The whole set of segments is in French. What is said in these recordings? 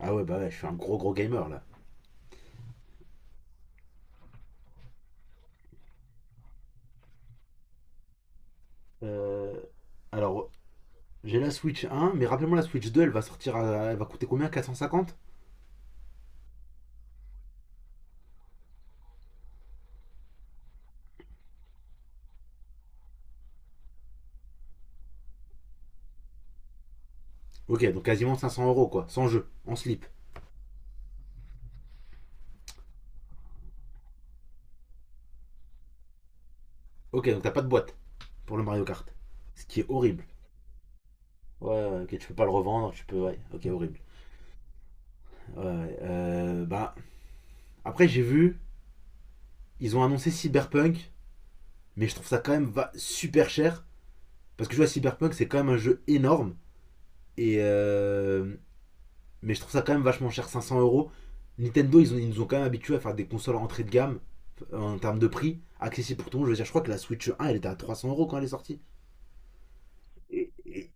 Ah ouais, bah ouais, je suis un gros gros gamer là. Euh, alors, j'ai la Switch 1, mais rappelez-moi la Switch 2, elle va sortir, elle va coûter combien 450. Ok, donc quasiment 500 € quoi, sans jeu, en slip. Ok, donc t'as pas de boîte pour le Mario Kart, ce qui est horrible. Ouais, ouais, ok, tu peux pas le revendre, tu peux, ouais, ok, horrible. Ouais, ouais, bah, après j'ai vu, ils ont annoncé Cyberpunk, mais je trouve ça quand même va super cher, parce que je vois Cyberpunk, c'est quand même un jeu énorme, et euh, Mais je trouve ça quand même vachement cher, 500 euros. Nintendo, ils nous ont quand même habitués à faire des consoles entrée de gamme en termes de prix, accessible pour tout le monde. Je veux dire, je crois que la Switch 1, elle était à 300 euros quand elle est sortie. Et- et-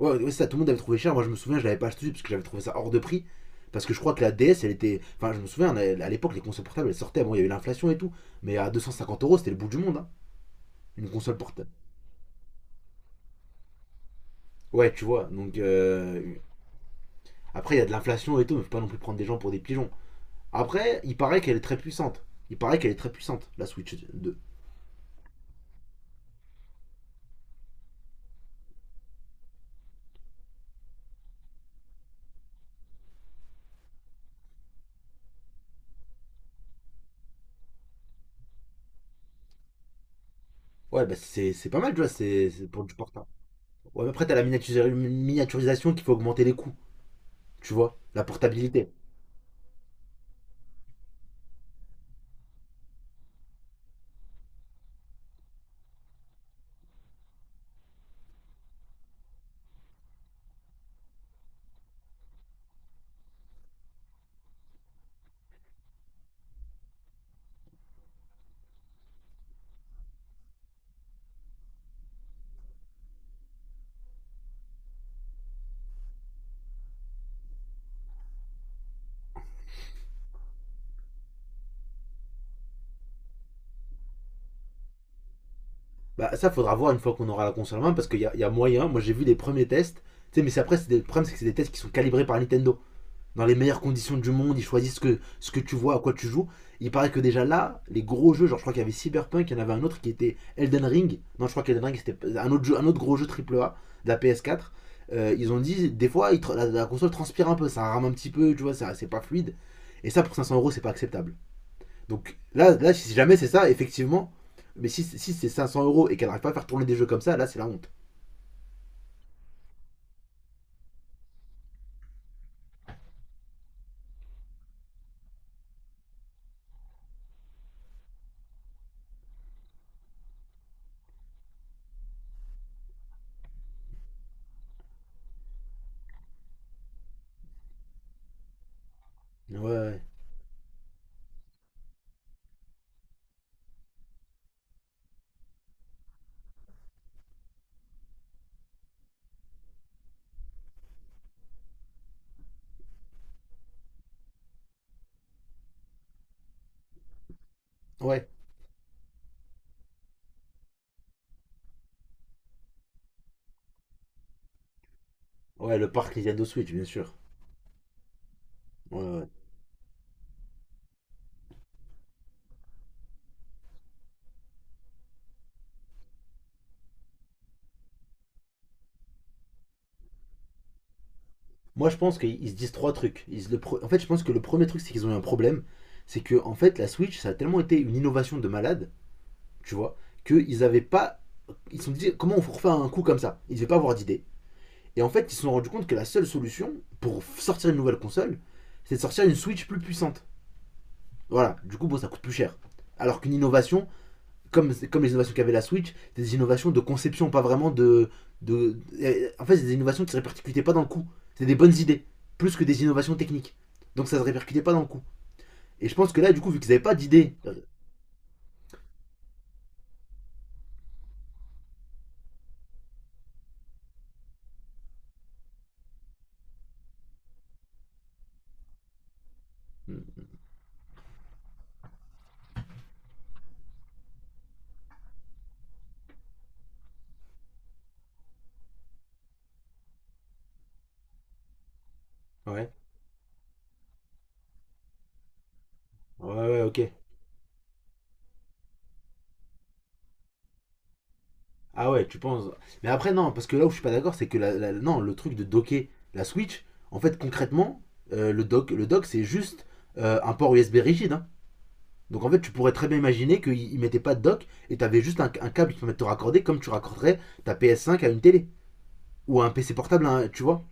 Ouais, ouais, ça, tout le monde avait trouvé cher. Moi, je me souviens, je l'avais pas acheté parce que j'avais trouvé ça hors de prix. Parce que je crois que la DS, elle était. Enfin, je me souviens, à l'époque, les consoles portables, elles sortaient. Bon, il y avait l'inflation et tout. Mais à 250 euros, c'était le bout du monde, hein, une console portable. Ouais, tu vois. Donc, après, il y a de l'inflation et tout, mais faut pas non plus prendre des gens pour des pigeons. Après, il paraît qu'elle est très puissante. Il paraît qu'elle est très puissante, la Switch 2. Ouais, bah c'est pas mal, tu vois, c'est pour du portable. Ouais, mais après, t'as la miniaturisation qui fait augmenter les coûts, tu vois, la portabilité. Bah, ça, faudra voir une fois qu'on aura la console en main, parce qu'il y a moyen. Moi, j'ai vu les premiers tests, tu sais, mais c'est après, le problème, c'est que c'est des tests qui sont calibrés par Nintendo. Dans les meilleures conditions du monde, ils choisissent que, ce que tu vois, à quoi tu joues. Il paraît que déjà là, les gros jeux, genre je crois qu'il y avait Cyberpunk, il y en avait un autre qui était Elden Ring. Non, je crois qu'Elden Ring c'était un autre, jeu, un autre gros jeu AAA de la PS4. Ils ont dit, des fois, ils la console transpire un peu, ça rame un petit peu, tu vois, c'est pas fluide. Et ça, pour 500 euros, c'est pas acceptable. Donc là, là, si jamais c'est ça, effectivement, mais si c'est 500 euros et qu'elle n'arrive pas à faire tourner des jeux comme ça, là, c'est la honte. Ouais, ouais, ouais, le parc Nintendo Switch, bien sûr. Ouais, ouais. Moi, je pense qu'ils se disent trois trucs. Ils se le pre- En fait, je pense que le premier truc, c'est qu'ils ont eu un problème. C'est que, en fait, la Switch, ça a tellement été une innovation de malade, tu vois, qu'ils avaient pas. Ils se sont dit, comment on refait un coup comme ça? Ils devaient pas avoir d'idée. Et en fait, ils se sont rendus compte que la seule solution pour sortir une nouvelle console, c'est de sortir une Switch plus puissante. Voilà, du coup, bon, ça coûte plus cher. Alors qu'une innovation, comme les innovations qu'avait la Switch, des innovations de conception, pas vraiment de. En fait, c'est des innovations qui ne se répercutaient pas dans le coup. C'est des bonnes idées, plus que des innovations techniques. Donc ça ne se répercutait pas dans le coup. Et je pense que là, du coup, vu qu'ils avaient pas d'idée. Ouais. Ouais, ouais, ok. Ah ouais, tu penses. Mais après, non, parce que là où je suis pas d'accord, c'est que non, le truc de docker la Switch, en fait, concrètement, le dock c'est juste un port USB rigide, hein. Donc en fait, tu pourrais très bien imaginer qu'ils ne mettaient pas de dock et tu avais juste un câble qui permet de te raccorder comme tu raccorderais ta PS5 à une télé ou à un PC portable, à tu vois.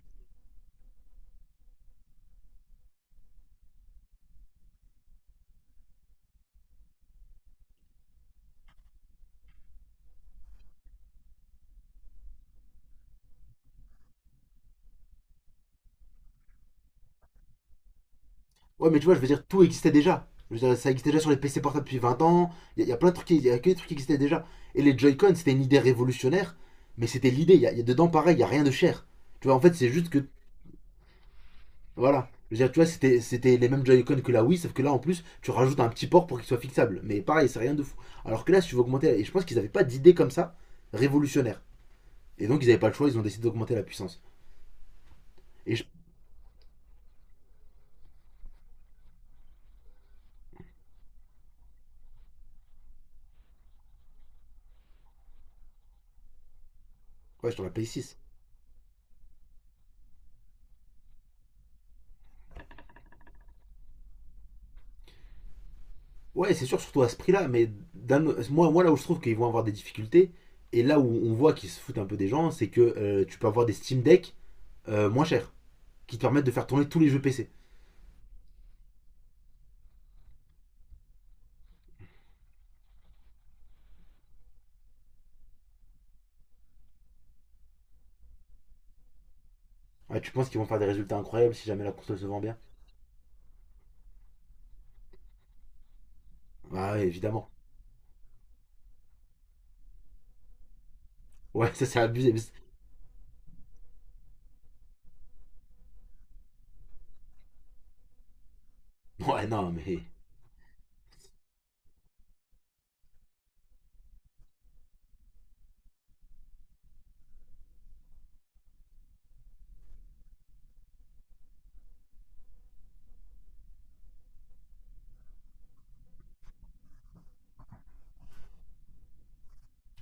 Ouais, mais tu vois, je veux dire, tout existait déjà. Je veux dire, ça existait déjà sur les PC portables depuis 20 ans. Y a plein de trucs, il y a que des trucs qui existaient déjà. Et les Joy-Con, c'était une idée révolutionnaire, mais c'était l'idée. Y a dedans pareil, il y a rien de cher. Tu vois, en fait, c'est juste que. Voilà. Je veux dire, tu vois, c'était les mêmes Joy-Con que la Wii, sauf que là, en plus, tu rajoutes un petit port pour qu'il soit fixable. Mais pareil, c'est rien de fou. Alors que là, si tu veux augmenter. Et je pense qu'ils n'avaient pas d'idée comme ça révolutionnaire. Et donc, ils n'avaient pas le choix, ils ont décidé d'augmenter la puissance. Et je, ouais, je te la paye 6. Ouais, c'est sûr, surtout à ce prix-là, mais moi, là où je trouve qu'ils vont avoir des difficultés, et là où on voit qu'ils se foutent un peu des gens, c'est que tu peux avoir des Steam Deck moins chers, qui te permettent de faire tourner tous les jeux PC. Ouais, tu penses qu'ils vont faire des résultats incroyables si jamais la console se vend bien? Ah ouais, évidemment. Ouais, ça c'est abusé, mais. Ouais, non, mais.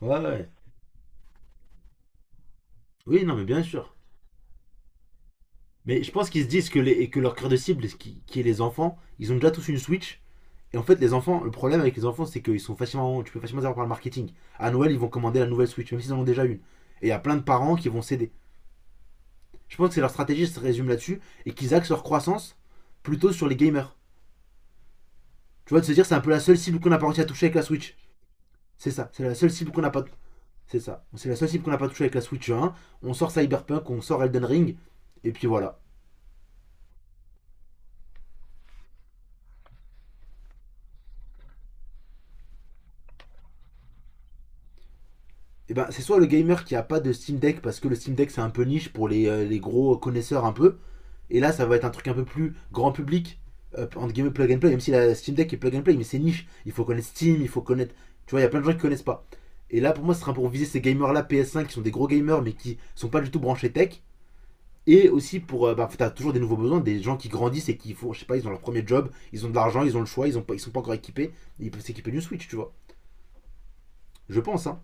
Ouais, ouais. Oui, non, mais bien sûr. Mais je pense qu'ils se disent que, les, et que leur cœur de cible, qui est les enfants, ils ont déjà tous une Switch. Et en fait, les enfants, le problème avec les enfants, c'est qu'ils sont facilement, tu peux facilement les avoir par le marketing. À Noël, ils vont commander la nouvelle Switch, même s'ils en ont déjà une. Et il y a plein de parents qui vont céder. Je pense que c'est leur stratégie se résume là-dessus et qu'ils axent leur croissance plutôt sur les gamers. Tu vois, de se dire, c'est un peu la seule cible qu'on n'a pas réussi à toucher avec la Switch. C'est ça, c'est la seule cible qu'on n'a pas. C'est ça, c'est la seule cible qu'on n'a pas touché avec la Switch 1. On sort Cyberpunk, on sort Elden Ring, et puis voilà. Et ben, c'est soit le gamer qui a pas de Steam Deck parce que le Steam Deck c'est un peu niche pour les gros connaisseurs un peu. Et là, ça va être un truc un peu plus grand public, entre guillemets plug and play, même si la Steam Deck est plug and play, mais c'est niche. Il faut connaître Steam, il faut connaître. Tu vois, il y a plein de gens qui connaissent pas. Et là, pour moi, ce sera pour viser ces gamers-là PS5 qui sont des gros gamers mais qui sont pas du tout branchés tech. Et aussi pour. Bah, t'as toujours des nouveaux besoins, des gens qui grandissent et qui font. Je sais pas, ils ont leur premier job, ils ont de l'argent, ils ont le choix, ils sont pas encore équipés. Ils peuvent s'équiper d'une Switch, tu vois. Je pense, hein.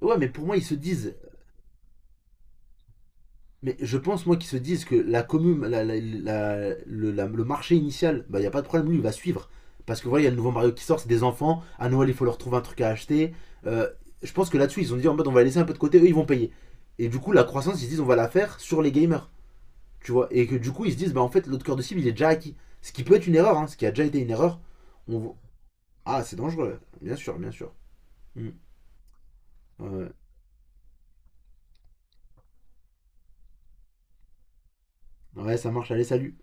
Ouais, mais pour moi, ils se disent. Mais je pense, moi, qu'ils se disent que la commune, la- la- la- le marché initial, bah, il n'y a pas de problème, lui, il va suivre. Parce que voilà, il y a le nouveau Mario qui sort, c'est des enfants. À Noël, il faut leur trouver un truc à acheter. Euh, je pense que là-dessus, ils ont dit en mode, on va laisser un peu de côté, eux, ils vont payer. Et du coup, la croissance, ils se disent, on va la faire sur les gamers. Tu vois. Et que du coup, ils se disent, bah en fait, l'autre cœur de cible, il est déjà acquis. Ce qui peut être une erreur, hein, ce qui a déjà été une erreur. On. Ah, c'est dangereux, bien sûr, bien sûr. Hmm. Ouais. Ouais, ça marche, allez, salut.